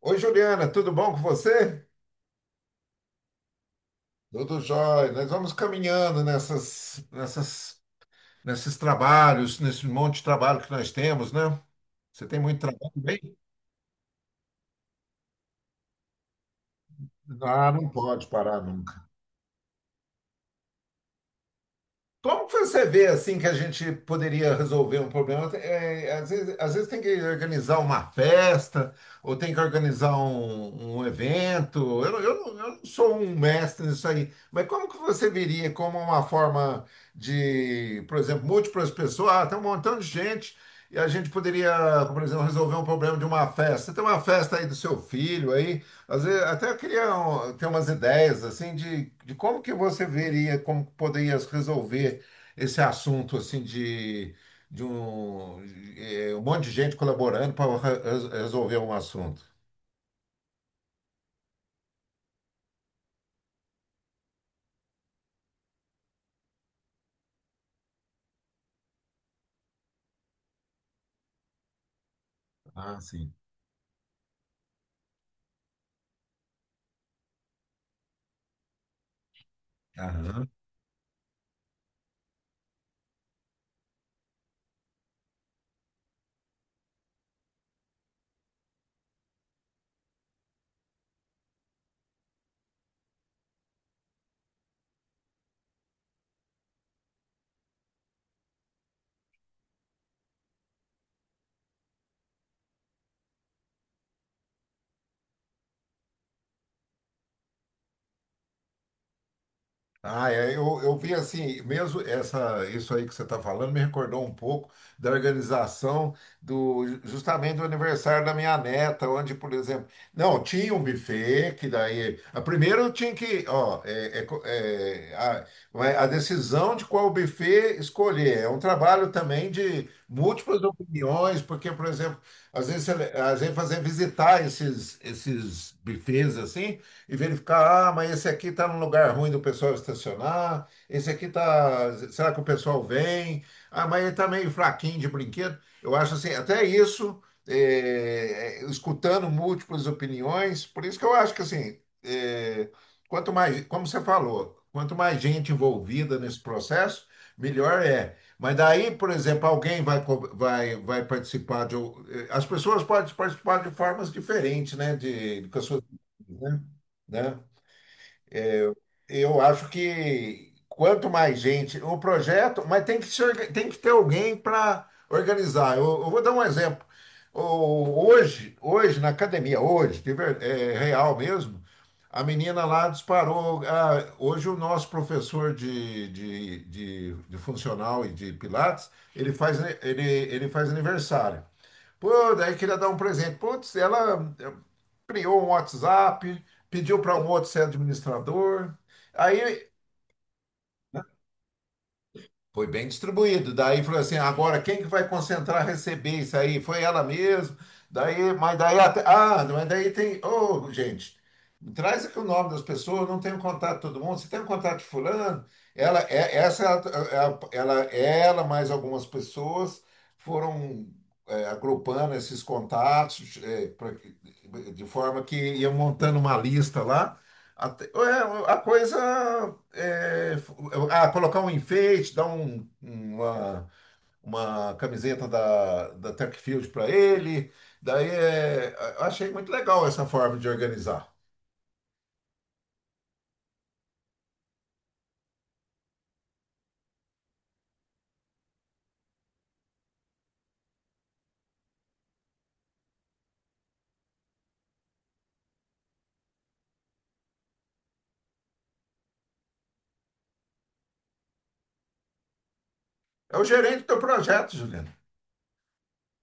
Oi, Juliana, tudo bom com você? Tudo jóia. Nós vamos caminhando nesses trabalhos, nesse monte de trabalho que nós temos, né? Você tem muito trabalho bem? Ah, não pode parar, não. Como que você vê assim que a gente poderia resolver um problema? É, às vezes tem que organizar uma festa ou tem que organizar um evento. Eu não sou um mestre nisso aí, mas como que você veria como uma forma de, por exemplo, múltiplas pessoas, ah, tem um montão de gente e a gente poderia, por exemplo, resolver um problema de uma festa. Tem uma festa aí do seu filho aí às vezes, até eu queria um, ter umas ideias assim de como que você veria, como que poderia resolver esse assunto assim de um, de, um monte de gente colaborando para resolver um assunto. Ah, sim. Aham. Ah, é, eu vi assim, mesmo essa, isso aí que você está falando me recordou um pouco da organização do justamente do aniversário da minha neta, onde, por exemplo, não, tinha um buffet que daí, a primeira eu tinha que, ó, a decisão de qual buffet escolher, é um trabalho também de múltiplas opiniões, porque, por exemplo, às vezes, você- às vezes fazer visitar esses, esses buffets assim, e verificar, ah, mas esse aqui está num lugar ruim do pessoal estacionar, esse aqui está, será que o pessoal vem? Ah, mas ele está meio fraquinho de brinquedo. Eu acho assim, até isso, escutando múltiplas opiniões, por isso que eu acho que assim, quanto mais, como você falou, quanto mais gente envolvida nesse processo, melhor é. Mas daí, por exemplo, alguém vai, vai participar de. As pessoas podem participar de formas diferentes, né? De, com as suas, né? Né? Eu acho que quanto mais gente, o projeto, mas tem que ser, tem que ter alguém para organizar. Eu vou dar um exemplo. Hoje na academia, hoje, é real mesmo, a menina lá disparou. Ah, hoje o nosso professor de funcional e de pilates, ele faz, ele faz aniversário. Pô, daí queria dar um presente. Putz, ela criou um WhatsApp, pediu para um outro ser administrador. Aí foi bem distribuído. Daí falou assim, agora quem que vai concentrar receber isso aí? Foi ela mesmo. Daí, mas daí até, ah, mas daí tem, ô, gente, traz aqui o nome das pessoas, eu não tenho contato de todo mundo. Você tem o contato de fulano? Ela é essa é a- é a- ela ela mais algumas pessoas foram é, agrupando esses contatos é, pra- de forma que iam montando uma lista lá. A coisa é, f- ah, colocar um enfeite, uma camiseta da Tech Field para ele. Daí é, eu achei muito legal essa forma de organizar. É o gerente do projeto, Juliano.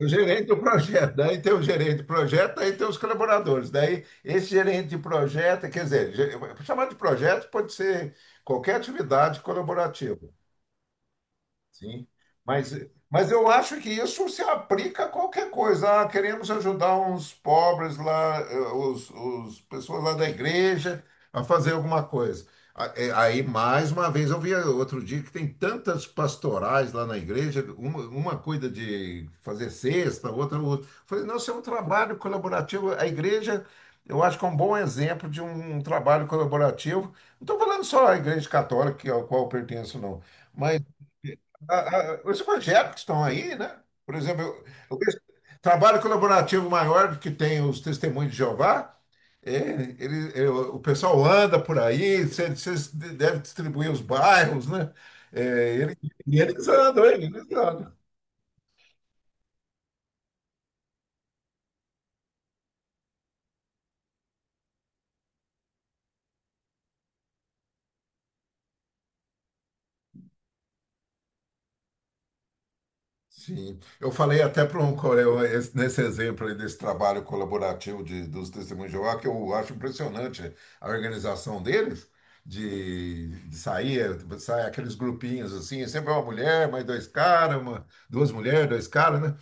É o gerente do projeto. Daí tem o gerente do projeto, daí tem os colaboradores. Daí esse gerente de projeto, quer dizer, ge- chamar de projeto pode ser qualquer atividade colaborativa. Sim. Mas, mas eu acho que isso se aplica a qualquer coisa. Ah, queremos ajudar uns pobres lá, eh, os pessoas lá da igreja a fazer alguma coisa. A- eh, aí, mais uma vez, eu vi outro dia que tem tantas pastorais lá na igreja, uma cuida de fazer cesta, outra, outra. Falei, não, isso é um trabalho colaborativo. A igreja, eu acho que é um bom exemplo de um trabalho colaborativo. Não estou falando só a igreja católica, que- ao qual eu pertenço, não os projetos que estão aí, né? Por exemplo, eu penso- trabalho colaborativo maior que tem os Testemunhos de Jeová, é, o pessoal anda por aí, vocês devem distribuir os bairros, né? E eles andam, eles andam. Sim, eu falei até para um coreano nesse exemplo aí desse trabalho colaborativo de, dos testemunhos de Jeová, que eu acho impressionante a organização deles, de sair, sai aqueles grupinhos assim, sempre uma mulher, mais dois caras, uma, duas mulheres, dois caras, né?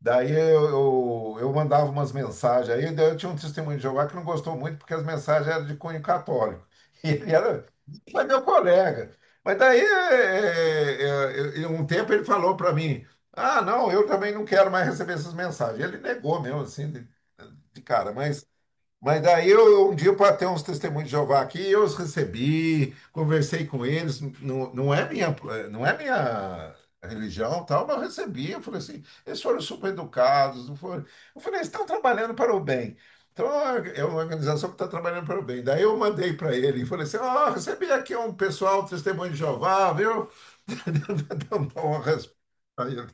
Eu mandava umas mensagens aí, daí eu tinha um testemunho de Jeová que não gostou muito porque as mensagens eram de cunho católico. E ele era, foi meu colega. Mas daí, um tempo ele falou para mim, ah, não, eu também não quero mais receber essas mensagens. Ele negou mesmo, assim, de cara. Mas daí eu, um dia para ter uns testemunhos de Jeová aqui, eu os recebi, conversei com eles, não, não é minha, não é minha religião, tal, mas eu recebi, eu falei assim, eles foram super educados, não foram. Eu falei, eles estão trabalhando para o bem. Então é uma organização que está trabalhando para o bem. Daí eu mandei para ele e falei assim, ó, recebi aqui um pessoal, testemunho de Jeová, viu? Dá uma resposta a ele.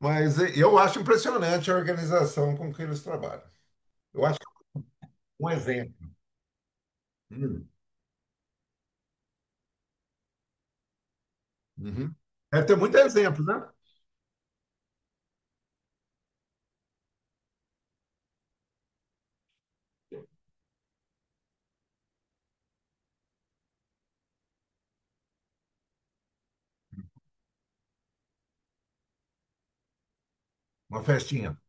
Mas eh, eu acho impressionante a organização com que eles trabalham. Eu acho que é um exemplo. Uhum. Deve ter muitos exemplos, né? Uma festinha.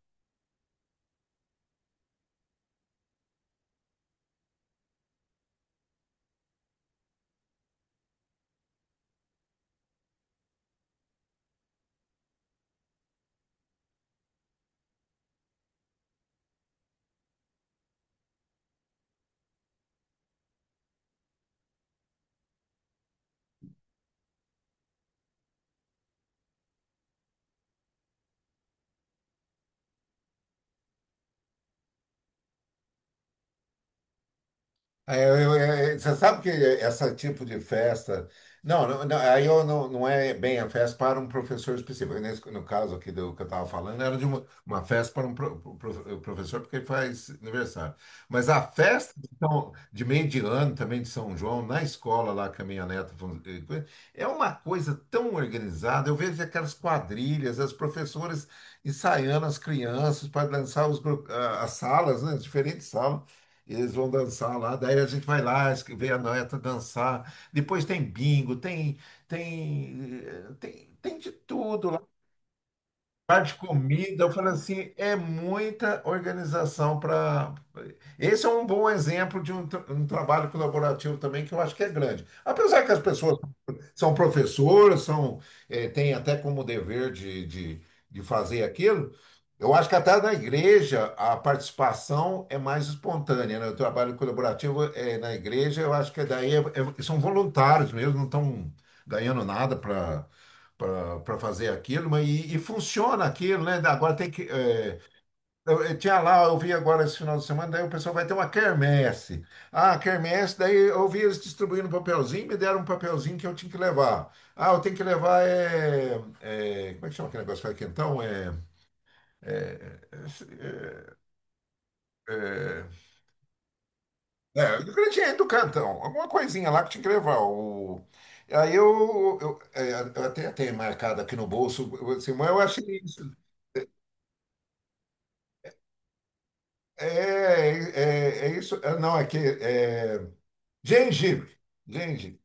É, você sabe que esse tipo de festa. Não, não, não, aí eu não, não é bem a festa para um professor específico. Nesse, no caso aqui do que eu estava falando, era de uma festa para um professor, porque ele faz aniversário. Mas a festa de, São- de meio de ano também de São João, na escola lá que a minha neta é uma coisa tão organizada. Eu vejo aquelas quadrilhas, as professoras ensaiando as crianças para dançar os, gru- ah, as salas, né, as diferentes salas. Eles vão dançar lá, daí a gente vai lá, es- vê a neta dançar. Depois tem bingo, tem, tem de tudo lá. Bar de comida, eu falo assim, é muita organização para. Esse é um bom exemplo de um, tra- um trabalho colaborativo também, que eu acho que é grande. Apesar que as pessoas são professoras, são, eh, têm até como dever de fazer aquilo. Eu acho que até na igreja a participação é mais espontânea, né? O trabalho colaborativo é na igreja, eu acho que daí são voluntários mesmo, não estão ganhando nada para fazer aquilo, mas e funciona aquilo, né? Agora tem que eh, eu tinha lá, eu vi agora esse final de semana, daí o pessoal vai ter uma quermesse. Ah, quermesse, daí eu vi eles distribuindo papelzinho, me deram um papelzinho que eu tinha que levar. Ah, eu tenho que levar como é que chama aquele negócio que faz quentão? É, é, é, ingrediente do cantão, alguma coisinha lá que tinha que levar. O, aí eu, é, eu até tenho marcado aqui no bolso, assim, mas eu achei isso. É, é isso, é, não, é que é, gengibre. Gengibre.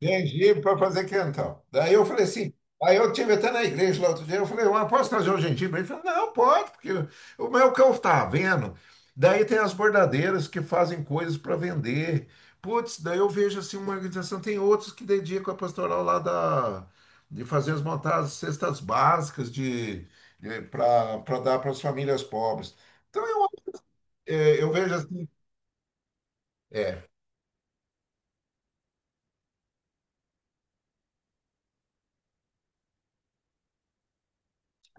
Gengibre para fazer quentão. Daí eu falei assim, aí eu tive até na igreja lá outro dia, eu falei, mas posso trazer um gengibre? Ele falou, não, pode, porque o meu que eu estava vendo. Daí tem as bordadeiras que fazem coisas para vender. Putz, daí eu vejo assim uma organização, tem outros que dedicam a pastoral lá da, de fazer as montadas, cestas básicas de, para dar para as famílias pobres. Então eu vejo assim,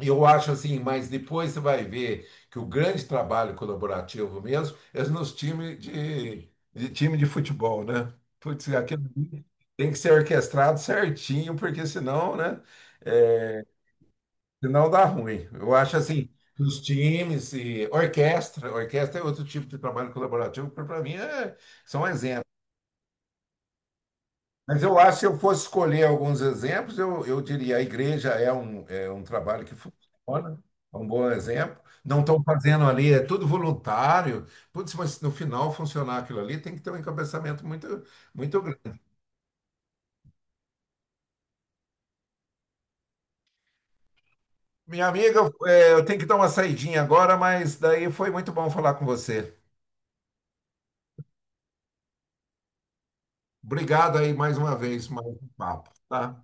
eu acho assim, mas depois você vai ver que o grande trabalho colaborativo mesmo é nos times de time de futebol, né? Putz, aquilo ali tem que ser orquestrado certinho, porque senão, né? É, senão dá ruim. Eu acho assim, os times e orquestra, orquestra é outro tipo de trabalho colaborativo, que para mim é, são exemplos. Mas eu acho que se eu fosse escolher alguns exemplos, eu diria a igreja é um trabalho que funciona, é um bom exemplo. Não estão fazendo ali, é tudo voluntário. Putz, mas no final funcionar aquilo ali tem que ter um encabeçamento muito, muito grande. Minha amiga, é, eu tenho que dar uma saidinha agora, mas daí foi muito bom falar com você. Obrigado aí mais uma vez, mais um papo, tá?